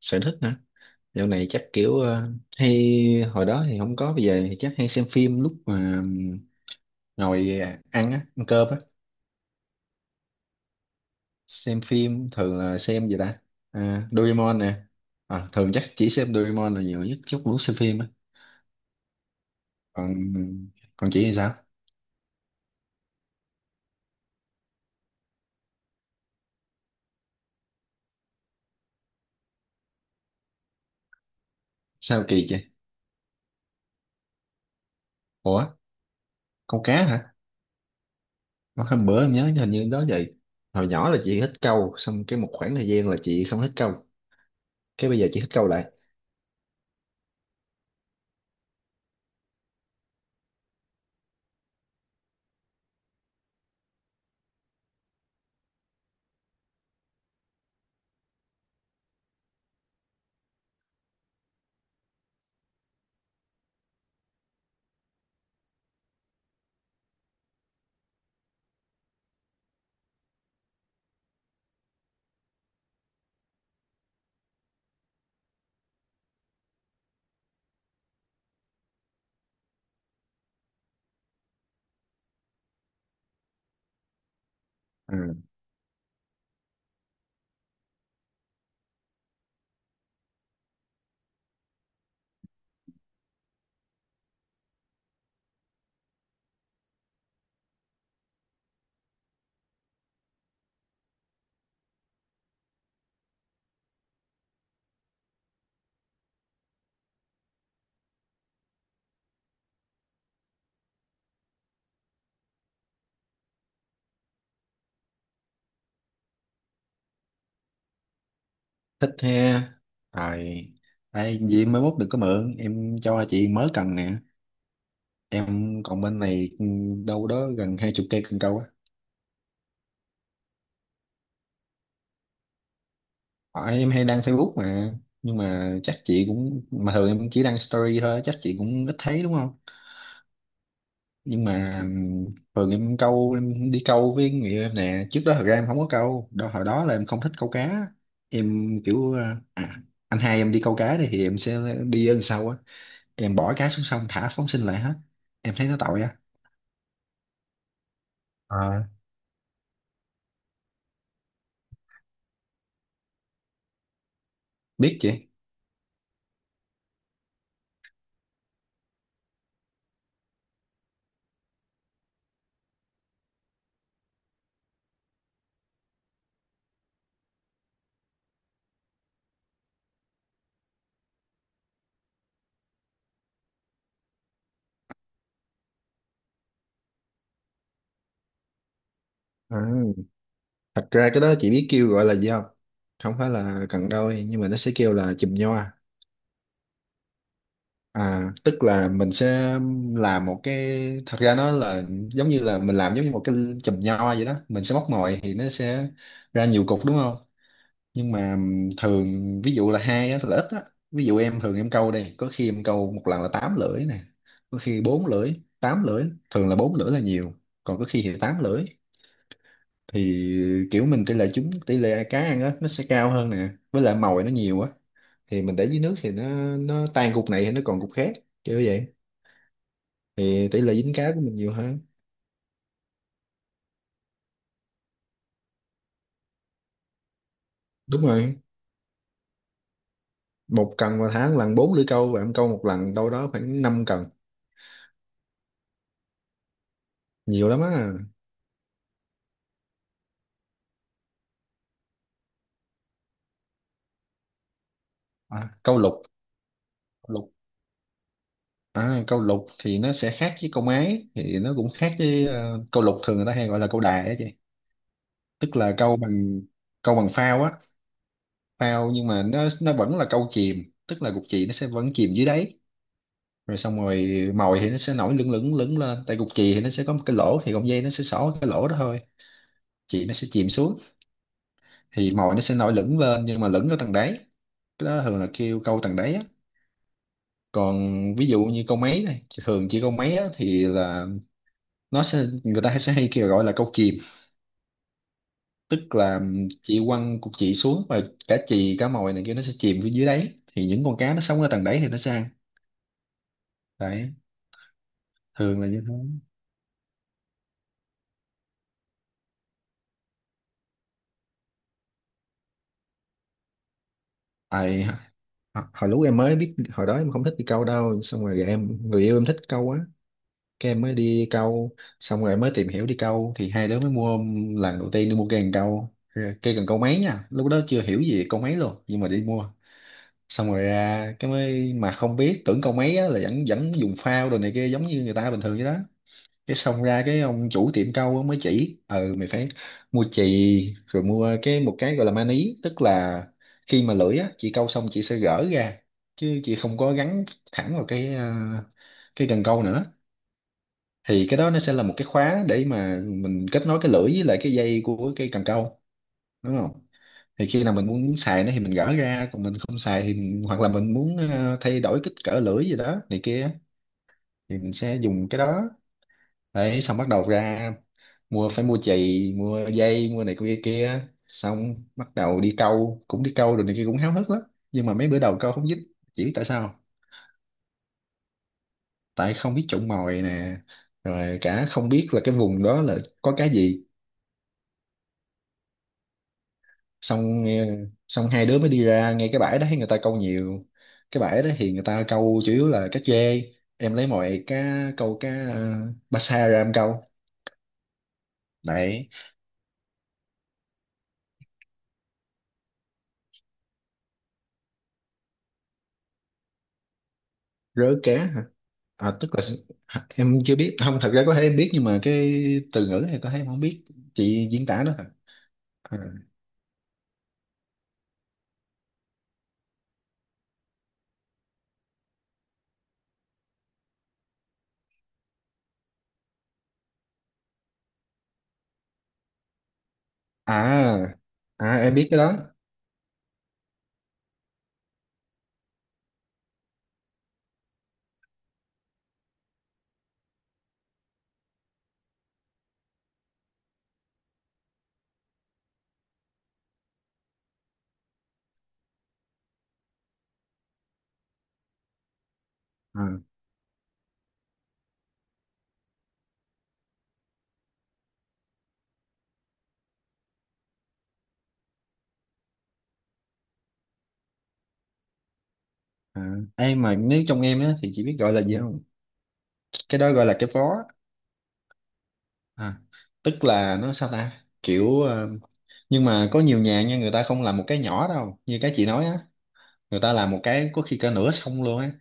Sở thích hả? Dạo này chắc kiểu hay hồi đó thì không có, bây giờ thì chắc hay xem phim lúc mà ngồi ăn á, ăn cơm á. Xem phim thường là xem gì ta? À, Doraemon nè. À, thường chắc chỉ xem Doraemon là nhiều nhất chút lúc xem phim á. Còn còn chị thì sao? Sao kỳ chị? Ủa, câu cá hả? Ờ, hôm bữa em nhớ hình như đó vậy, hồi nhỏ là chị thích câu, xong cái một khoảng thời gian là chị không thích câu, cái bây giờ chị thích câu lại. À, thích he. Tại tại gì mai mốt đừng có mượn, em cho chị mới cần nè. Em còn bên này đâu đó gần hai chục cây cần câu á. Tại em hay đăng Facebook mà, nhưng mà chắc chị cũng, mà thường em chỉ đăng story thôi, chắc chị cũng ít thấy đúng không? Nhưng mà thường em câu, em đi câu với người yêu em nè, trước đó thật ra em không có câu đó, hồi đó là em không thích câu cá. Em kiểu anh hai em đi câu cá đi thì em sẽ đi ở đằng sau á. Em bỏ cá xuống sông thả phóng sinh lại hết, em thấy nó tội á. À, biết chị. À, thật ra cái đó chị biết kêu gọi là gì không? Không phải là cần đôi nhưng mà nó sẽ kêu là chùm nho. À, tức là mình sẽ làm một cái, thật ra nó là giống như là mình làm giống như một cái chùm nho vậy đó, mình sẽ móc mồi thì nó sẽ ra nhiều cục đúng không? Nhưng mà thường ví dụ là hai á thì là ít á. Ví dụ em thường em câu đây, có khi em câu một lần là tám lưỡi nè, có khi bốn lưỡi, tám lưỡi, thường là bốn lưỡi là nhiều, còn có khi thì tám lưỡi, thì kiểu mình tỷ lệ trúng, tỷ lệ cá ăn á nó sẽ cao hơn nè, với lại mồi nó nhiều á. Thì mình để dưới nước thì nó tan cục này thì nó còn cục khác, kiểu vậy. Thì tỷ lệ dính cá của mình nhiều hơn. Đúng rồi, một cần mà thả một lần bốn lưỡi câu, và em câu một lần đâu đó khoảng năm cần, nhiều lắm á. À, câu lục. Lục. À, câu lục thì nó sẽ khác với câu máy, thì nó cũng khác với câu lục thường người ta hay gọi là câu đài á chị. Tức là câu bằng phao á. Phao nhưng mà nó vẫn là câu chìm, tức là cục chì nó sẽ vẫn chìm dưới đáy. Rồi xong rồi mồi thì nó sẽ nổi lửng lửng lửng lên, tại cục chì thì nó sẽ có một cái lỗ, thì cọng dây nó sẽ xỏ cái lỗ đó thôi. Chì nó sẽ chìm xuống. Thì mồi nó sẽ nổi lửng lên nhưng mà lửng ở tầng đáy. Cái đó thường là kêu câu tầng đáy á. Còn ví dụ như câu máy này thường chỉ câu máy á, thì là nó sẽ, người ta sẽ hay kêu gọi là câu chìm, tức là chị quăng cục chị xuống và cả chì cá mòi này kia nó sẽ chìm phía dưới đáy, thì những con cá nó sống ở tầng đáy thì nó sẽ ăn. Đấy. Thường là như thế. Tại hồi lúc em mới biết, hồi đó em không thích đi câu đâu, xong rồi người yêu em thích câu á. Cái em mới đi câu, xong rồi em mới tìm hiểu đi câu, thì hai đứa mới mua lần đầu tiên đi mua cây cần câu. Rồi cây cần câu máy nha, lúc đó chưa hiểu gì về câu máy luôn nhưng mà đi mua. Xong rồi ra cái mới mà không biết tưởng câu máy á, là vẫn vẫn dùng phao đồ này kia giống như người ta bình thường vậy đó. Cái xong ra cái ông chủ tiệm cau mới chỉ: ừ mày phải mua chì, rồi mua cái một cái gọi là maní, tức là khi mà lưỡi á chị cau xong chị sẽ gỡ ra, chứ chị không có gắn thẳng vào cái cần câu nữa. Thì cái đó nó sẽ là một cái khóa để mà mình kết nối cái lưỡi với lại cái dây của cái cần câu, đúng không? Thì khi nào mình muốn xài nó thì mình gỡ ra, còn mình không xài thì hoặc là mình muốn thay đổi kích cỡ lưỡi gì đó này kia, thì mình sẽ dùng cái đó. Đấy xong bắt đầu ra mua, phải mua chì, mua dây, mua này kia kia, xong bắt đầu đi câu, cũng đi câu rồi này kia, cũng háo hức lắm. Nhưng mà mấy bữa đầu câu không dính. Chỉ biết tại sao. Tại không biết chọn mồi nè, rồi cả không biết là cái vùng đó là có cái gì. xong eh, Xong hai đứa mới đi ra ngay cái bãi đó thấy người ta câu nhiều. Cái bãi đó thì người ta câu chủ yếu là cá trê, em lấy mọi cá, câu cá ba sa ra em câu. Đấy. Rớ cá hả? À tức là, hả, em chưa biết. Không, thật ra có thể em biết nhưng mà cái từ ngữ này có thể em không biết, chị diễn tả đó hả? À. à, em biết cái đó. à, à. Em mà nếu trong em á thì chị biết gọi là gì không? Cái đó gọi là cái phó. À. Tức là nó sao ta, kiểu nhưng mà có nhiều nhà nha người ta không làm một cái nhỏ đâu như cái chị nói á. Người ta làm một cái có khi cả nửa xong luôn á.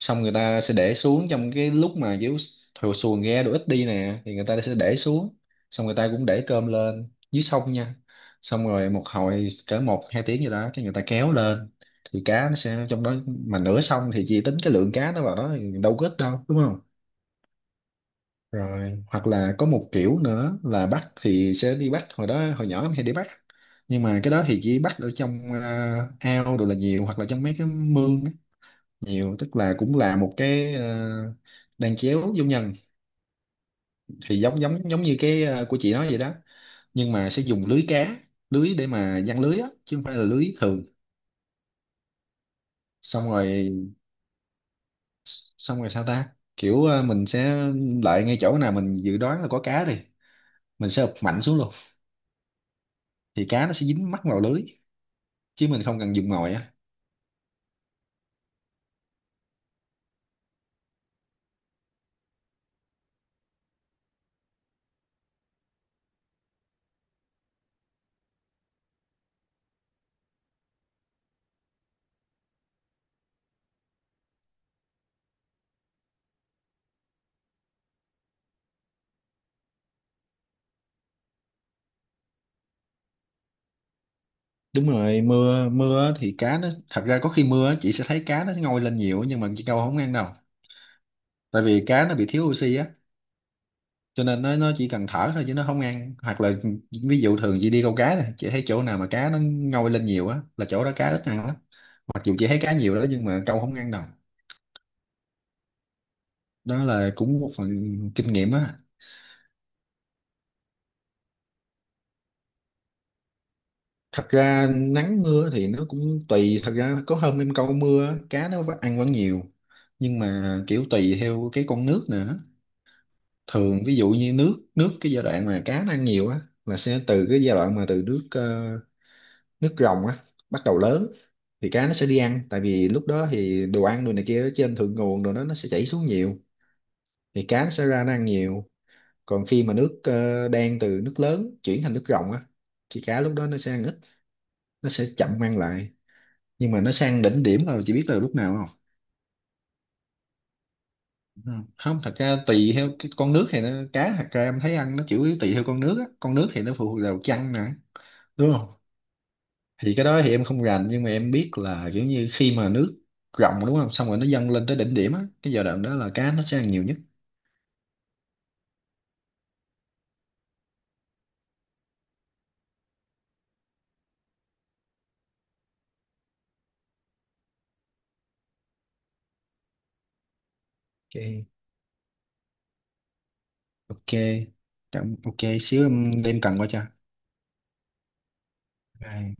Xong người ta sẽ để xuống, trong cái lúc mà kiểu thuyền xuồng ghe đồ ít đi nè thì người ta sẽ để xuống, xong người ta cũng để cơm lên dưới sông nha, xong rồi một hồi cỡ một hai tiếng gì đó cái người ta kéo lên. Thì cá nó sẽ trong đó, mà nửa sông thì chỉ tính cái lượng cá nó vào đó thì đâu có ít đâu, đúng không? Rồi hoặc là có một kiểu nữa là bắt thì sẽ đi bắt, hồi đó hồi nhỏ em hay đi bắt. Nhưng mà cái đó thì chỉ bắt ở trong ao đồ là nhiều, hoặc là trong mấy cái mương á, nhiều tức là cũng là một cái đan chéo vô nhân, thì giống giống giống như cái của chị nói vậy đó. Nhưng mà sẽ dùng lưới cá, lưới để mà giăng lưới á chứ không phải là lưới thường. Xong rồi. Xong rồi sao ta, kiểu mình sẽ lại ngay chỗ nào mình dự đoán là có cá đi, mình sẽ ụp mạnh xuống luôn. Thì cá nó sẽ dính mắc vào lưới, chứ mình không cần dùng ngòi á. Đúng rồi, mưa mưa á thì cá nó thật ra có khi mưa á, chị sẽ thấy cá nó ngoi lên nhiều nhưng mà chị câu không ăn đâu. Tại vì cá nó bị thiếu oxy á, cho nên nó chỉ cần thở thôi chứ nó không ăn, hoặc là ví dụ thường chị đi câu cá này chị thấy chỗ nào mà cá nó ngoi lên nhiều á là chỗ đó cá ít ăn lắm, mặc dù chị thấy cá nhiều đó nhưng mà câu không ăn đâu. Đó là cũng một phần kinh nghiệm á. Thật ra nắng mưa thì nó cũng tùy, thật ra có hôm em câu mưa á, cá nó ăn vẫn nhiều. Nhưng mà kiểu tùy theo cái con nước nữa. Thường ví dụ như nước nước cái giai đoạn mà cá nó ăn nhiều á là sẽ từ cái giai đoạn mà từ nước nước rồng á, bắt đầu lớn. Thì cá nó sẽ đi ăn, tại vì lúc đó thì đồ ăn đồ này kia ở trên thượng nguồn đồ đó nó sẽ chảy xuống nhiều, thì cá nó sẽ ra nó ăn nhiều. Còn khi mà nước đen, từ nước lớn chuyển thành nước rồng á thì cá lúc đó nó sẽ ăn ít, nó sẽ chậm ăn lại. Nhưng mà nó sang đỉnh điểm là chị biết là lúc nào không? Ừ. Không, thật ra tùy theo cái con nước, thì nó cá thật ra em thấy ăn nó chủ yếu tùy theo con nước á, con nước thì nó phụ thuộc vào chăn nè, đúng không? Thì cái đó thì em không rành nhưng mà em biết là kiểu như khi mà nước rộng, đúng không, xong rồi nó dâng lên tới đỉnh điểm á, cái giai đoạn đó là cá nó sẽ ăn nhiều nhất. Ok. Ok. Ok xíu em đem cần qua cho. Rồi.